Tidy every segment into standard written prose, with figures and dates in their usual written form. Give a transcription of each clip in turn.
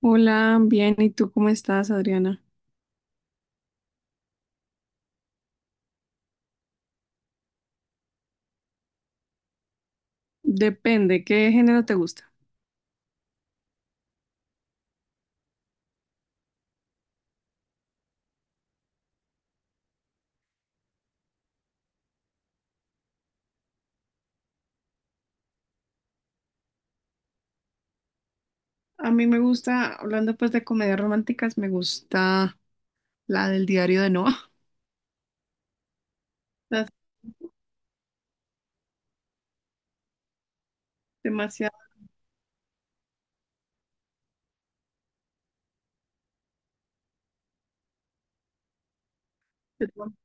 Hola, bien, ¿y tú cómo estás, Adriana? Depende, ¿qué género te gusta? A mí me gusta, hablando pues de comedias románticas, me gusta la del diario de Noah, la demasiado, perdón,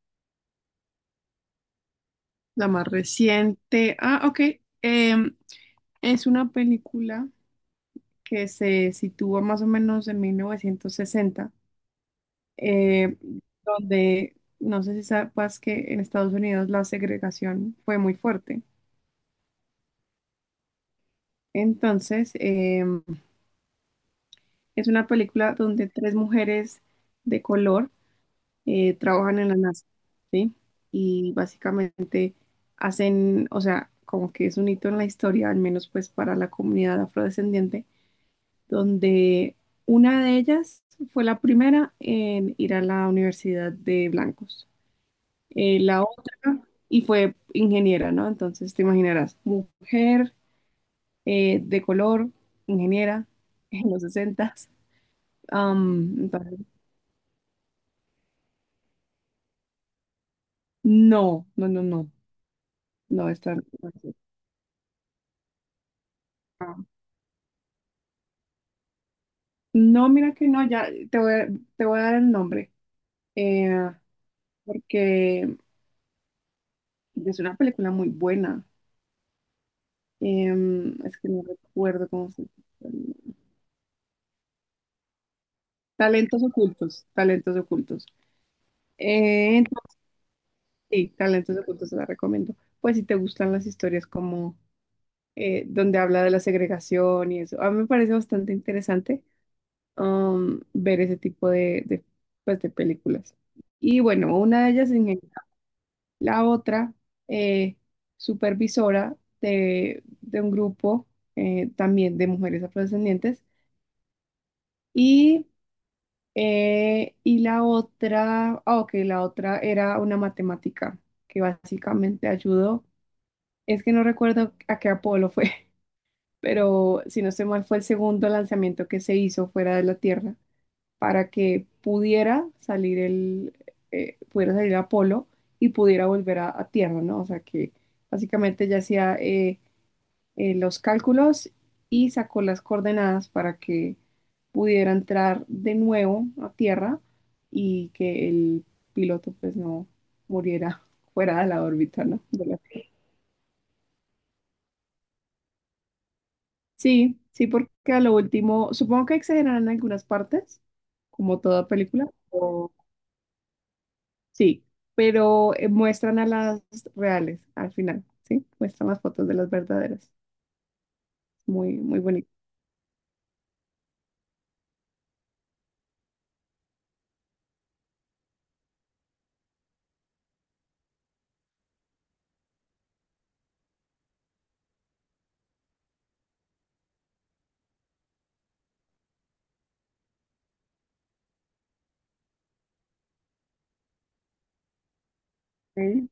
la más reciente. Ah, ok, em, es una película que se sitúa más o menos en 1960, eh, donde no sé si sabes que en Estados Unidos la segregación fue muy fuerte. Entonces, es una película donde tres mujeres de color trabajan en la NASA, ¿sí? Y básicamente hacen, o sea, como que es un hito en la historia, al menos pues para la comunidad afrodescendiente, donde una de ellas fue la primera en ir a la universidad de blancos. La otra, y fue ingeniera, ¿no? Entonces te imaginarás, mujer de color, ingeniera en los 60s. No, no, no, no, no, esta no es así. Ah. No, mira que no, ya te voy a dar el nombre, eh, porque es una película muy buena. Es que no recuerdo cómo se llama. Talentos ocultos, talentos ocultos. Entonces, sí, talentos ocultos te la recomiendo. Pues si te gustan las historias como donde habla de la segregación y eso, a mí me parece bastante interesante. Ver ese tipo de, pues, de películas. Y bueno, una de ellas la otra, eh, supervisora de un grupo también de mujeres afrodescendientes. Y, y la otra, ah, ok, la otra era una matemática que básicamente ayudó. Es que no recuerdo a qué Apolo fue, pero si no estoy mal, fue el segundo lanzamiento que se hizo fuera de la Tierra para que pudiera salir Apolo y pudiera volver a Tierra, ¿no? O sea que básicamente ya hacía los cálculos y sacó las coordenadas para que pudiera entrar de nuevo a Tierra y que el piloto pues no muriera fuera de la órbita, ¿no? De la- Sí, sí, porque a lo último, supongo que exageran en algunas partes, como toda película. Sí, pero muestran a las reales al final, ¿sí? Muestran las fotos de las verdaderas. Muy, muy bonito. Sí,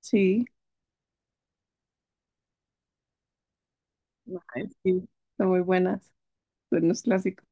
sí, ay, sí, son muy buenas, son los clásicos.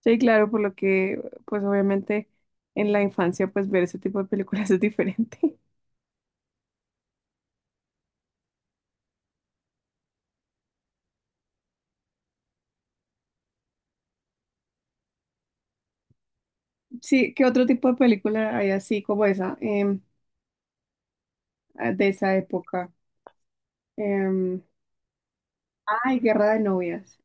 Sí, claro, por lo que, pues obviamente en la infancia, pues ver ese tipo de películas es diferente. Sí, ¿qué otro tipo de película hay así como esa, ah, de esa época? Em, Ay, Guerra de Novias.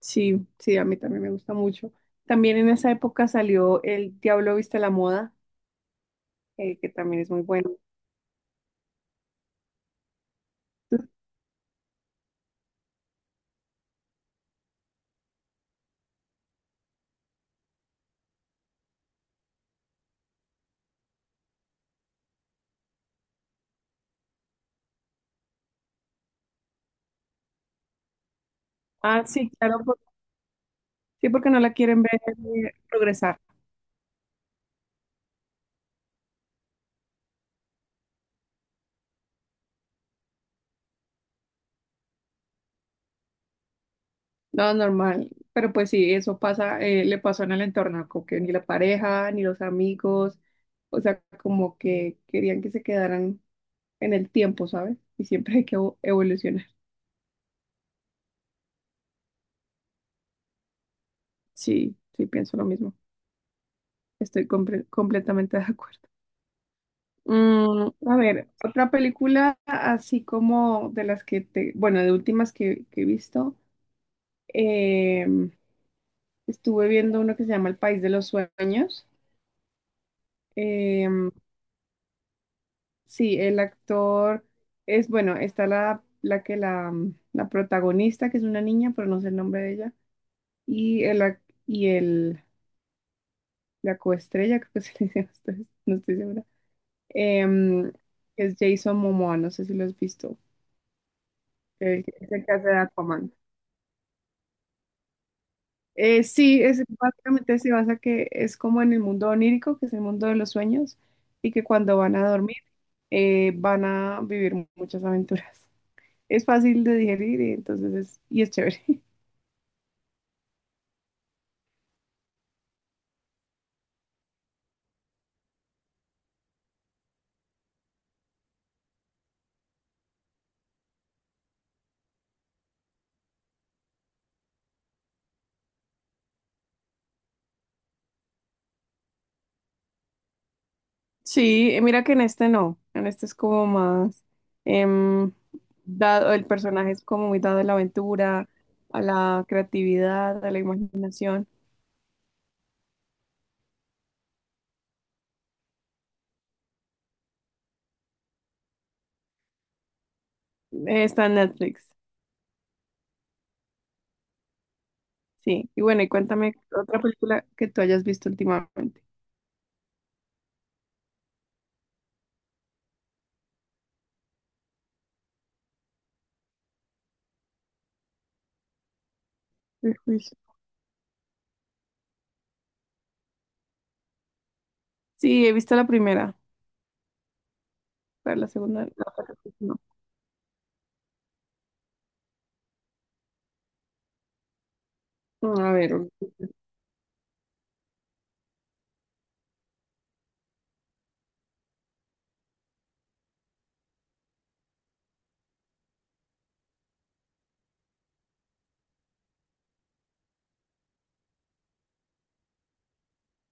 Sí, sí, a mí también me gusta mucho. También en esa época salió El Diablo Viste la Moda, que también es muy bueno. Ah, sí, claro, sí, porque no la quieren ver progresar. No, normal. Pero pues sí, eso pasa, le pasó en el entorno, como que ni la pareja, ni los amigos, o sea, como que querían que se quedaran en el tiempo, ¿sabes? Y siempre hay que evolucionar. Sí, sí, pienso lo mismo. Estoy completamente de acuerdo. A ver, otra película así como de las que te, bueno, de últimas que he visto, em, estuve viendo uno que se llama El País de los Sueños. Em, sí, el actor es, bueno, está la que la protagonista, que es una niña, pero no sé el nombre de ella, y el, ac- y el, la coestrella, creo que se le dice, no estoy segura, em, que es Jason Momoa, no sé si lo has visto, el que se casa de Aquaman. Sí, es, básicamente se basa que es como en el mundo onírico, que es el mundo de los sueños, y que cuando van a dormir van a vivir muchas aventuras. Es fácil de digerir y entonces es, y es chévere. Sí, mira que en este no, en este es como más em, dado, el personaje es como muy dado a la aventura, a la creatividad, a la imaginación. Está en Netflix, sí. Y bueno, y cuéntame otra película que tú hayas visto últimamente. Uy. Sí, he visto la primera, pero la segunda no. No, a ver.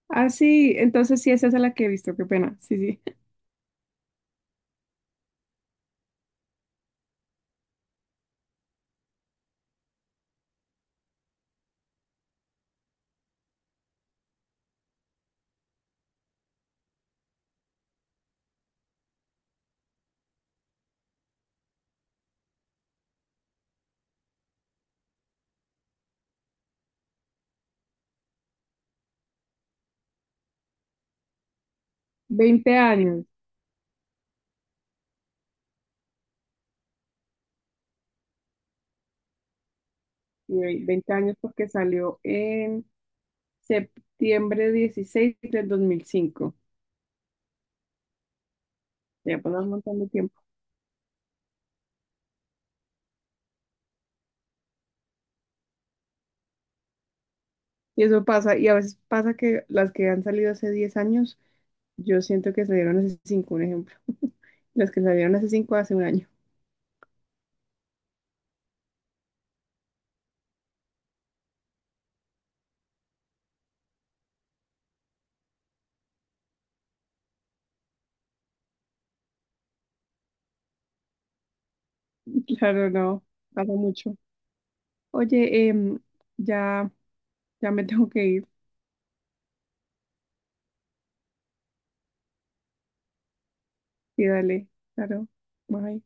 Ah, sí, entonces sí, esa es la que he visto, qué pena. Sí, sí. 20 años. Y 20 años porque salió en 16 de septiembre de 2005. Ya pasó un montón de tiempo. Y eso pasa, y a veces pasa que las que han salido hace 10 años, yo siento que salieron hace 5, un ejemplo. Las que salieron hace 5 hace un año. Claro, no, pasa mucho. Oye, ya, ya me tengo que ir. Sí, dale, claro. Bye.